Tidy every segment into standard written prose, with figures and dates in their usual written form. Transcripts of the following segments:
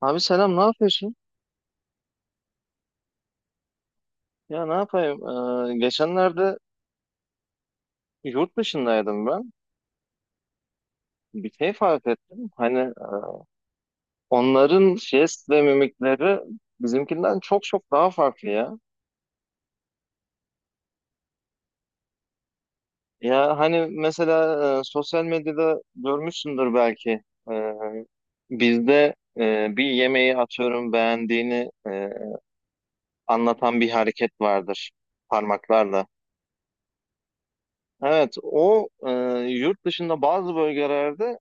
Abi selam, ne yapıyorsun? Ya ne yapayım? Geçenlerde yurt dışındaydım ben. Bir şey fark ettim. Hani onların jest ve mimikleri bizimkinden çok çok daha farklı ya. Ya hani mesela sosyal medyada görmüşsündür belki. Ee, Bizde bir yemeği, atıyorum, beğendiğini anlatan bir hareket vardır, parmaklarla. Evet, o yurt dışında bazı bölgelerde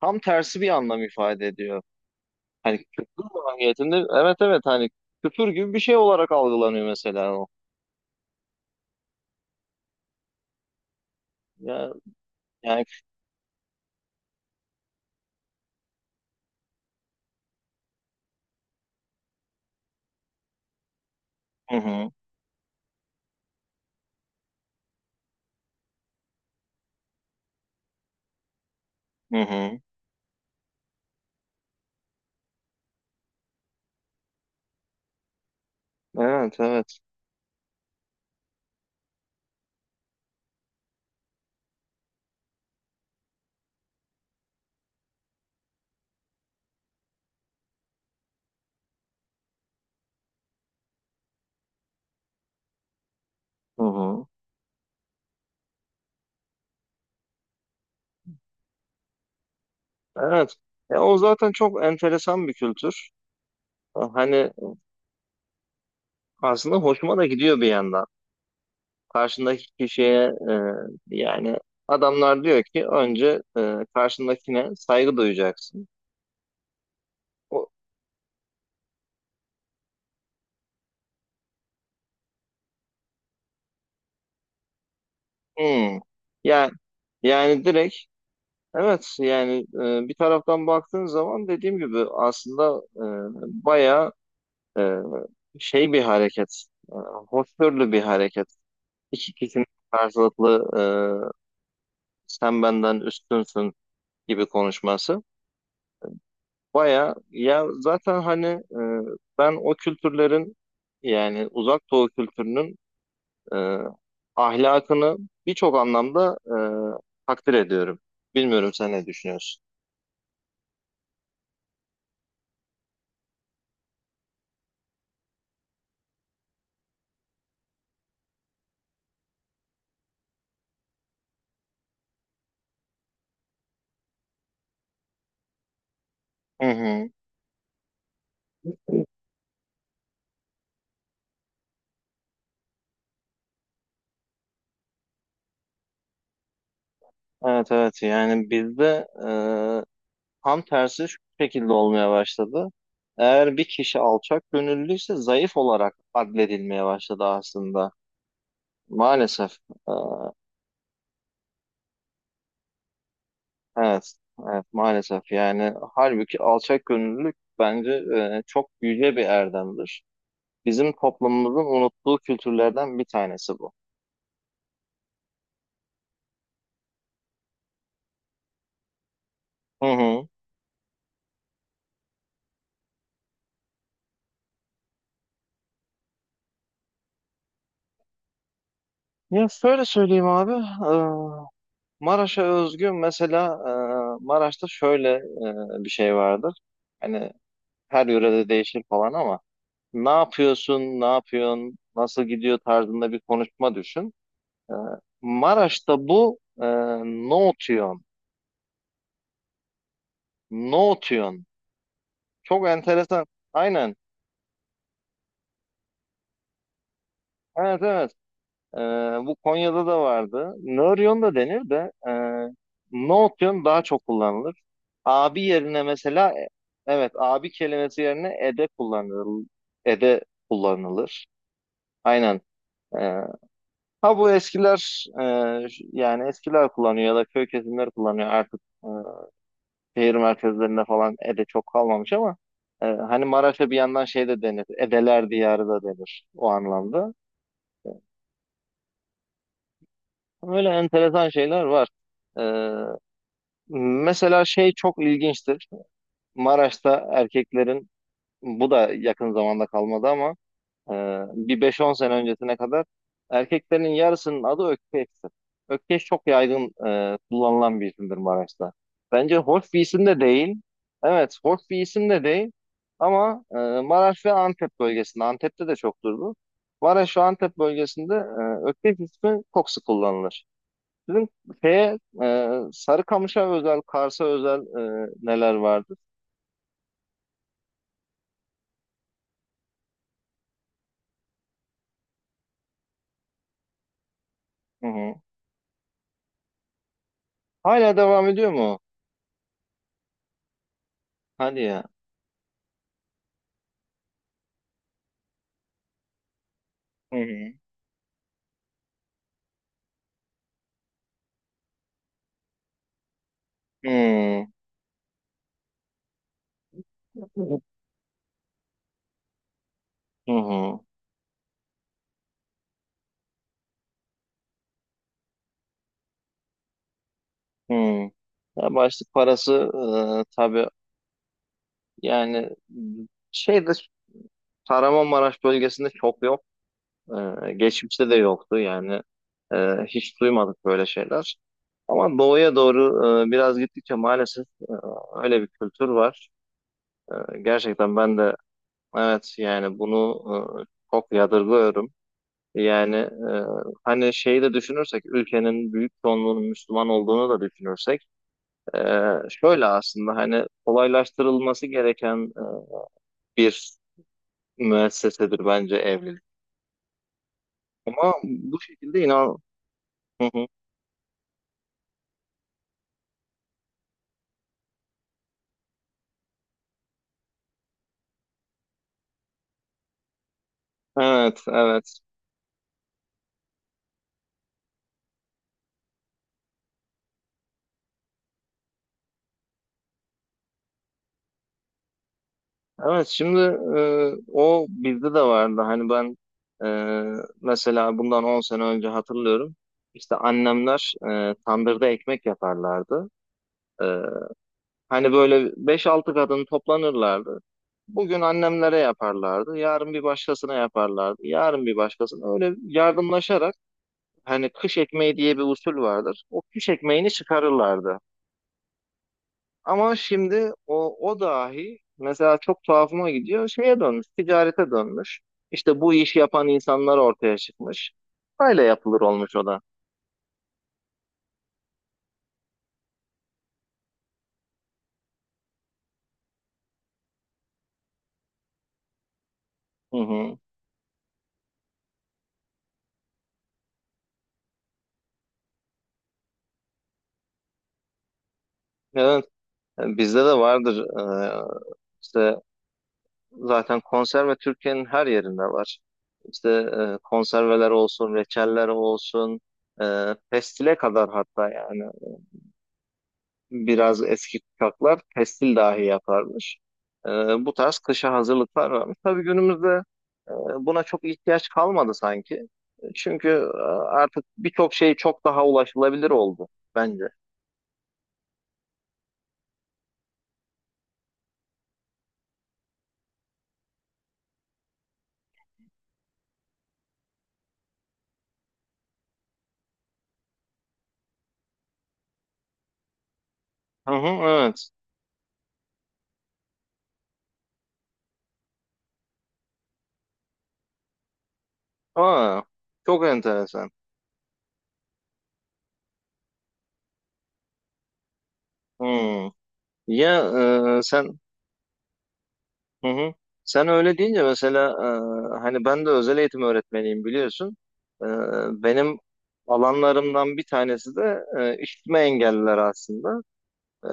tam tersi bir anlam ifade ediyor. Hani küfür mahiyetinde, evet evet, hani küfür gibi bir şey olarak algılanıyor mesela o. Ya, yani, hı hı, hı hı. Evet evet. Hı hı. Evet. Ya, o zaten çok enteresan bir kültür. Hani aslında hoşuma da gidiyor bir yandan. Karşındaki kişiye, yani adamlar diyor ki, önce karşındakine saygı duyacaksın. O, hı. Yani, yani direkt Evet, yani bir taraftan baktığın zaman, dediğim gibi, aslında bayağı e, şey bir hareket, e, hoşgörülü bir hareket. İki kişinin karşılıklı, sen benden üstünsün gibi konuşması. Bayağı ya, zaten hani ben o kültürlerin, yani Uzak Doğu kültürünün, e, ahlakını birçok anlamda takdir ediyorum. Bilmiyorum, sen ne düşünüyorsun? Hı hı. Evet evet, yani bizde tam tersi şu şekilde olmaya başladı. Eğer bir kişi alçak gönüllüyse, zayıf olarak adledilmeye başladı aslında. Maalesef. E, evet, evet maalesef, yani halbuki alçak gönüllülük bence çok yüce bir erdemdir. Bizim toplumumuzun unuttuğu kültürlerden bir tanesi bu. Hı hı. Ya şöyle söyleyeyim abi. Maraş'a özgü mesela, Maraş'ta şöyle bir şey vardır. Hani her yörede değişir falan ama, ne yapıyorsun, ne yapıyorsun, nasıl gidiyor tarzında bir konuşma düşün. E, Maraş'ta bu ne otuyon, ne otuyon. Çok enteresan. Aynen. Evet evet. Ee, Bu Konya'da da vardı. Nöryon da denir de, Nootyon daha çok kullanılır. Abi yerine mesela evet, abi kelimesi yerine ede kullanılır. Ede kullanılır. Aynen. Ee, ha, bu eskiler, yani eskiler kullanıyor ya da köy kesimleri kullanıyor artık. Şehir merkezlerinde falan ede çok kalmamış ama hani Maraş'a bir yandan şey de denir, Edeler diyarı da denir o anlamda. Böyle enteresan şeyler var. Ee, Mesela şey çok ilginçtir. Maraş'ta erkeklerin, bu da yakın zamanda kalmadı ama, e, bir 5-10 sene öncesine kadar erkeklerin yarısının adı Ökkeş'tir. Ökkeş çok yaygın kullanılan bir isimdir Maraş'ta. Bence hoş bir isim de değil. Evet, hoş bir isim de değil. Ama Maraş ve Antep bölgesinde, Antep'te de çoktur bu. Maraş ve Antep bölgesinde Ökkeş ismi çok sık kullanılır. Sizin şeye, Sarıkamış'a özel, Kars'a özel, neler vardı? Hı hı. Hala devam ediyor mu? Hadi ya. Hı hı. Hı hı. Hı hı. Ya başlık parası, tabii, yani şeyde, Kahramanmaraş bölgesinde çok yok. Geçmişte de yoktu yani. E, Hiç duymadık böyle şeyler. Ama doğuya doğru biraz gittikçe, maalesef, öyle bir kültür var. E, gerçekten ben de Evet, yani bunu çok yadırgıyorum. Yani hani şeyi de düşünürsek, ülkenin büyük çoğunluğunun Müslüman olduğunu da düşünürsek, e, şöyle aslında, hani, kolaylaştırılması gereken bir müessesedir bence evlilik. Ama bu şekilde inan. Hı hı. Evet evet. Evet, şimdi o bizde de vardı. Hani ben, mesela, bundan 10 sene önce hatırlıyorum. İşte annemler tandırda ekmek yaparlardı. E, Hani böyle beş altı kadın toplanırlardı. Bugün annemlere yaparlardı, yarın bir başkasına yaparlardı, yarın bir başkasına. Öyle yardımlaşarak, hani, kış ekmeği diye bir usul vardır. O kış ekmeğini çıkarırlardı. Ama şimdi o dahi mesela çok tuhafıma gidiyor. Şeye dönmüş, ticarete dönmüş. İşte bu iş yapan insanlar ortaya çıkmış. Böyle yapılır olmuş o da. Hı hı. Evet, bizde de vardır. İşte zaten konserve Türkiye'nin her yerinde var. İşte konserveler olsun, reçeller olsun, pestile kadar hatta. Yani biraz eski kuşaklar pestil dahi yaparmış. E, Bu tarz kışa hazırlıklar varmış. Tabii günümüzde e, buna çok ihtiyaç kalmadı sanki. Çünkü artık birçok şey çok daha ulaşılabilir oldu bence. Hı hı, evet. Aa, çok enteresan. Hmm. Ya e, sen Hı hı. Sen öyle deyince mesela, hani ben de özel eğitim öğretmeniyim, biliyorsun. E, Benim alanlarımdan bir tanesi de işitme engelliler aslında. E,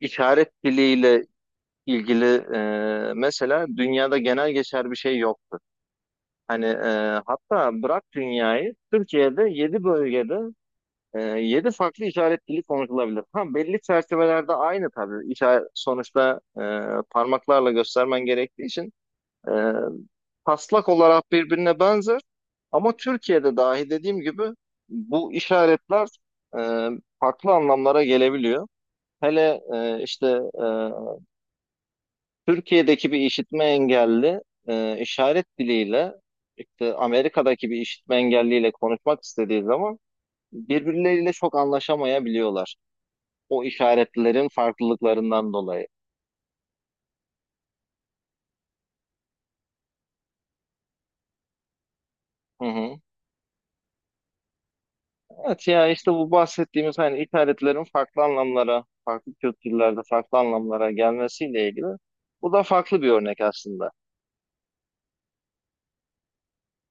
işaret diliyle ilgili, mesela dünyada genel geçer bir şey yoktu. Hani hatta bırak dünyayı, Türkiye'de 7 bölgede 7 farklı işaret dili konuşulabilir. Ha, belli çerçevelerde aynı tabii. İşaret, sonuçta, parmaklarla göstermen gerektiği için, E, taslak olarak birbirine benzer, ama Türkiye'de dahi, dediğim gibi, bu işaretler e, farklı anlamlara gelebiliyor. Hele işte, e, Türkiye'deki bir işitme engelli, işaret diliyle, işte, Amerika'daki bir işitme engelliyle konuşmak istediği zaman, birbirleriyle çok anlaşamayabiliyorlar. O işaretlerin farklılıklarından dolayı. Hı hı. Evet ya, işte bu bahsettiğimiz, hani, ithalatlerin farklı anlamlara, farklı kültürlerde farklı anlamlara gelmesiyle ilgili, bu da farklı bir örnek aslında.